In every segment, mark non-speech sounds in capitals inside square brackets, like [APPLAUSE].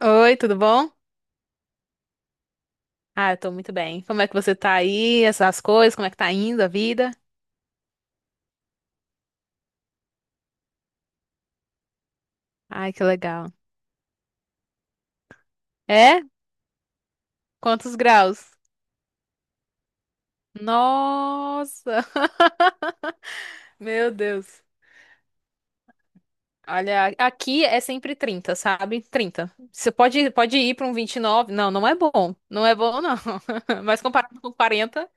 Oi, tudo bom? Ah, eu tô muito bem. Como é que você tá aí? Essas coisas, como é que tá indo a vida? Ai, que legal. É? Quantos graus? Nossa! [LAUGHS] Meu Deus. Olha, aqui é sempre 30, sabe? 30. Você pode ir pra um 29? Não, não é bom. Não é bom, não. [LAUGHS] Mas comparado com 40,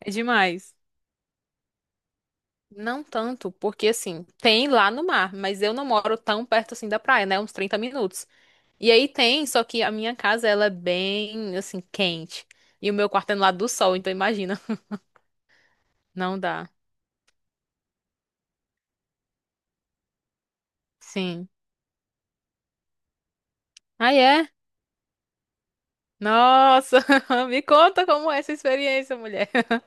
é demais. Não tanto, porque assim, tem lá no mar, mas eu não moro tão perto assim da praia, né? Uns 30 minutos. E aí tem, só que a minha casa ela é bem assim quente. E o meu quarto é no lado do sol, então imagina. [LAUGHS] Não dá. Sim. Ah é? Nossa, [LAUGHS] me conta como é essa experiência, mulher. [LAUGHS]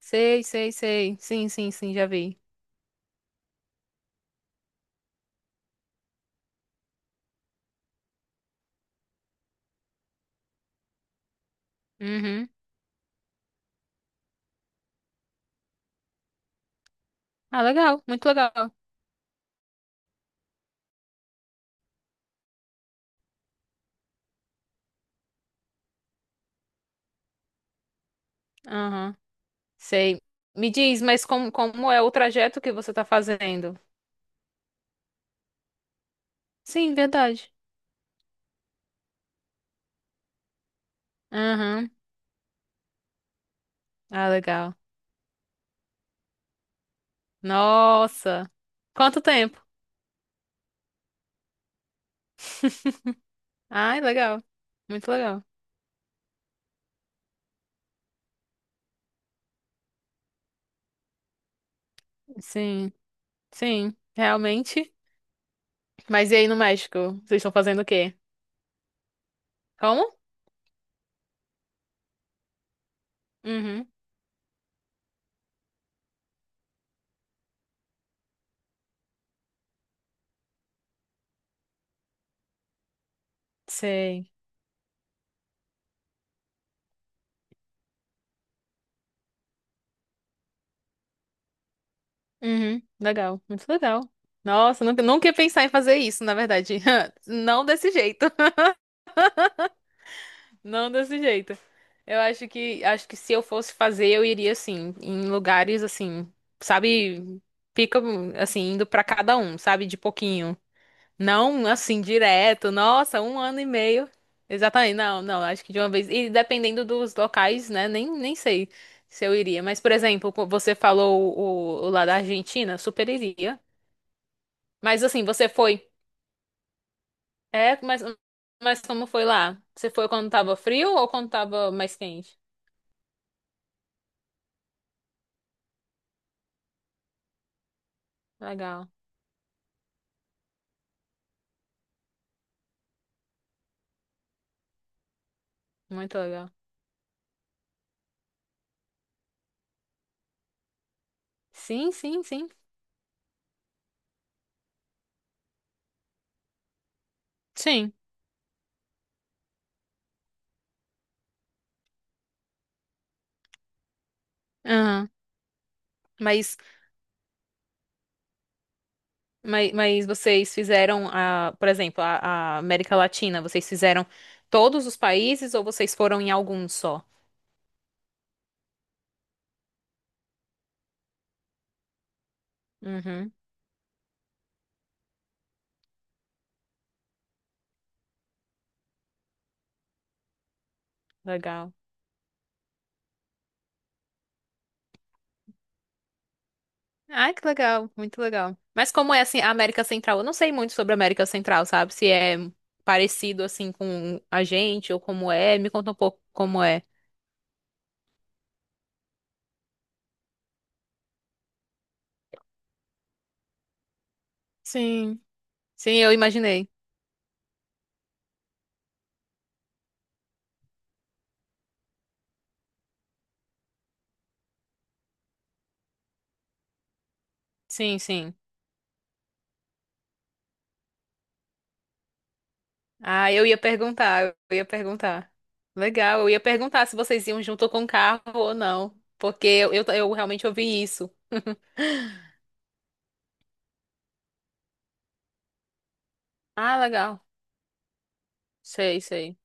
Sei, sei, sei. Sim, sim, sim, já vi. Uhum. Ah, legal, muito legal. Aham. Sei. Me diz, mas como é o trajeto que você tá fazendo? Sim, verdade. Aham. Ah, legal. Nossa. Quanto tempo? Ai, legal. Muito legal. Sim. Sim, realmente. Mas e aí no México? Vocês estão fazendo o quê? Como? Uhum. Sei. Uhum. Legal, muito legal. Nossa, nunca, nunca ia pensar em fazer isso, na verdade. [LAUGHS] Não desse jeito. [LAUGHS] Não desse jeito. Eu acho que se eu fosse fazer, eu iria assim, em lugares assim, sabe, pica assim, indo pra cada um, sabe, de pouquinho. Não, assim, direto. Nossa, um ano e meio. Exatamente. Não, não, acho que de uma vez. E dependendo dos locais, né? Nem sei se eu iria. Mas, por exemplo, você falou o lá da Argentina, super iria. Mas, assim, você foi. É, mas como foi lá? Você foi quando tava frio ou quando tava mais quente? Legal. Muito legal. Sim, sim, sim. Sim. Aham. Mas mas vocês fizeram, a, por exemplo, a América Latina, vocês fizeram todos os países ou vocês foram em algum só? Uhum, legal. Ai, que legal, muito legal. Mas como é assim, a América Central? Eu não sei muito sobre a América Central, sabe? Se é parecido assim com a gente ou como é. Me conta um pouco como é. Sim, sim, eu imaginei. Sim, sim. Ah, eu ia perguntar, eu ia perguntar. Legal, eu ia perguntar se vocês iam junto com o carro ou não, porque eu realmente ouvi isso. Ah, legal. Sei, sei.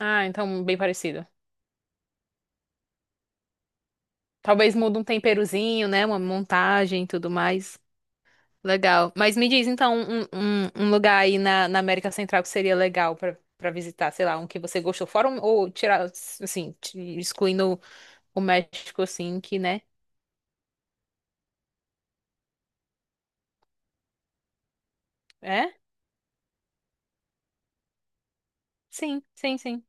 Ah, então bem parecido. Talvez mude um temperozinho, né? Uma montagem e tudo mais. Legal. Mas me diz então um lugar aí na América Central que seria legal pra para visitar, sei lá, um que você gostou, fora um, ou tirar, assim, excluindo o México, assim, que, né? É? Sim, sim, sim.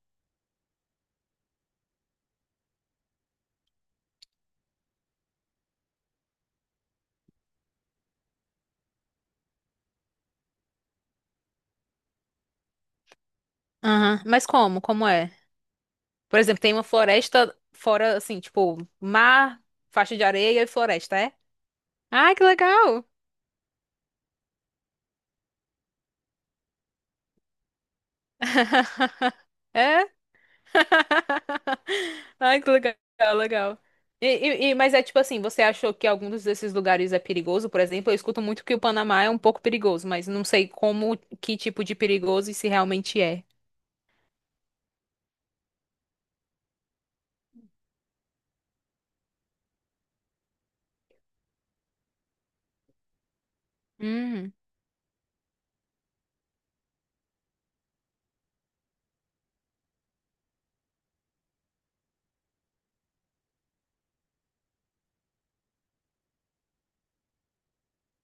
Aham. Mas como? Como é? Por exemplo, tem uma floresta fora, assim, tipo, mar, faixa de areia e floresta, é? Ah, que legal! [LAUGHS] É? [LAUGHS] Ai, que legal, legal. Mas é tipo assim, você achou que alguns desses lugares é perigoso? Por exemplo, eu escuto muito que o Panamá é um pouco perigoso, mas não sei como, que tipo de perigoso e se realmente é. Hum,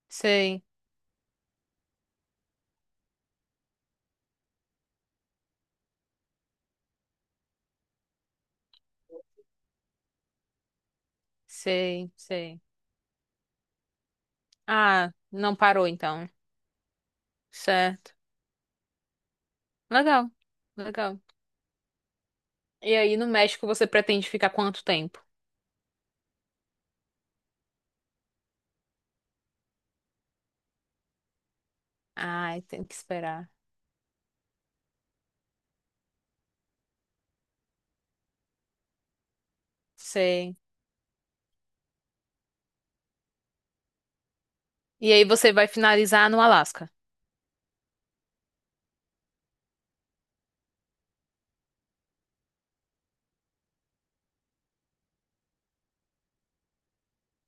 sei, sei, sei. Ah, não parou então. Certo. Legal, legal. E aí, no México, você pretende ficar quanto tempo? Ai, tem que esperar. Sei. E aí, você vai finalizar no Alasca?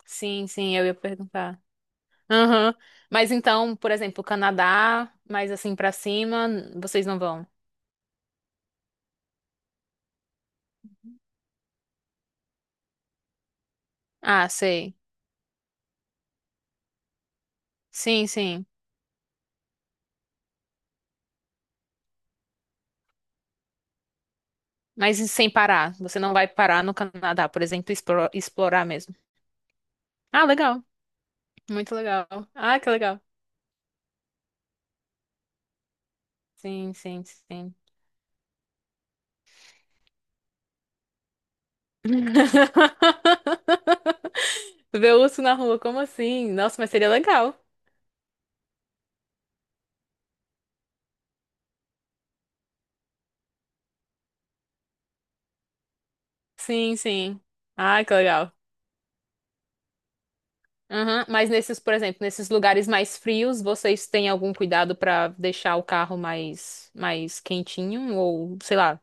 Sim, sim, eu ia perguntar. Aham. Mas então, por exemplo, Canadá, mais assim pra cima, vocês não vão? Ah, sei. Sim, sim. Mas e sem parar. Você não vai parar no Canadá, por exemplo, explorar mesmo. Ah, legal. Muito legal. Ah, que legal. Sim, sim, sim. [LAUGHS] Ver urso na rua, como assim? Nossa, mas seria legal. Sim, sim. Ai, que legal. Aham, mas nesses, por exemplo, nesses lugares mais frios, vocês têm algum cuidado pra deixar o carro mais quentinho ou sei lá?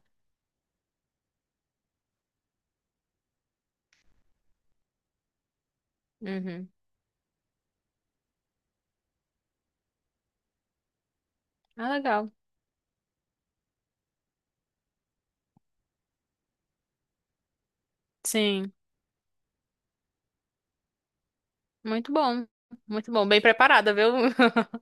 Uhum. Ah, legal. Sim, muito bom. Muito bom, bem preparada, viu? [LAUGHS]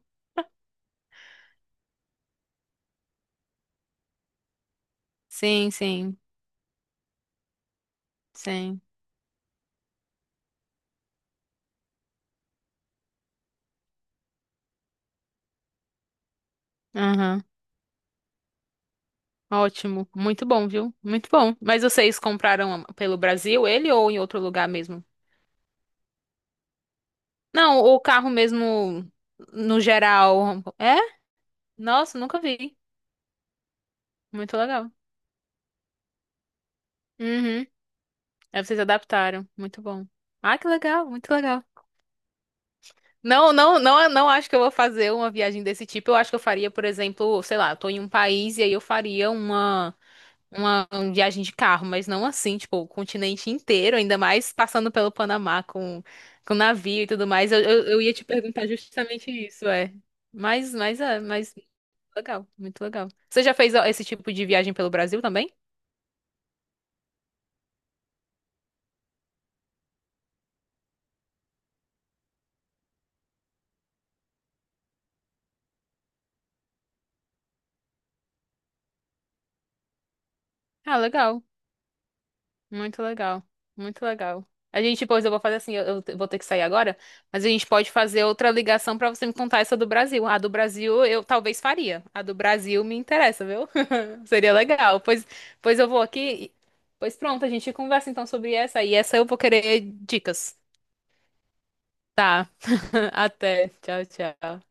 Sim, sim, sim. Aham. Ótimo, muito bom, viu? Muito bom. Mas vocês compraram pelo Brasil ele ou em outro lugar mesmo? Não, o carro mesmo no geral. É? Nossa, nunca vi. Muito legal. Uhum. Aí vocês adaptaram. Muito bom. Ah, que legal, muito legal. Não, não, não, não acho que eu vou fazer uma viagem desse tipo. Eu acho que eu faria, por exemplo, sei lá, eu tô em um país e aí eu faria uma viagem de carro, mas não assim, tipo, o continente inteiro, ainda mais passando pelo Panamá com navio e tudo mais. Eu ia te perguntar justamente isso, é. Mas, é, mas legal, muito legal. Você já fez ó, esse tipo de viagem pelo Brasil também? Ah, legal. Muito legal. Muito legal. A gente, depois eu vou fazer assim, eu vou ter que sair agora, mas a gente pode fazer outra ligação pra você me contar essa do Brasil. A do Brasil eu talvez faria. A do Brasil me interessa, viu? [LAUGHS] Seria legal. Pois eu vou aqui. Pois pronto, a gente conversa então sobre essa e essa eu vou querer dicas. Tá. [LAUGHS] Até. Tchau, tchau.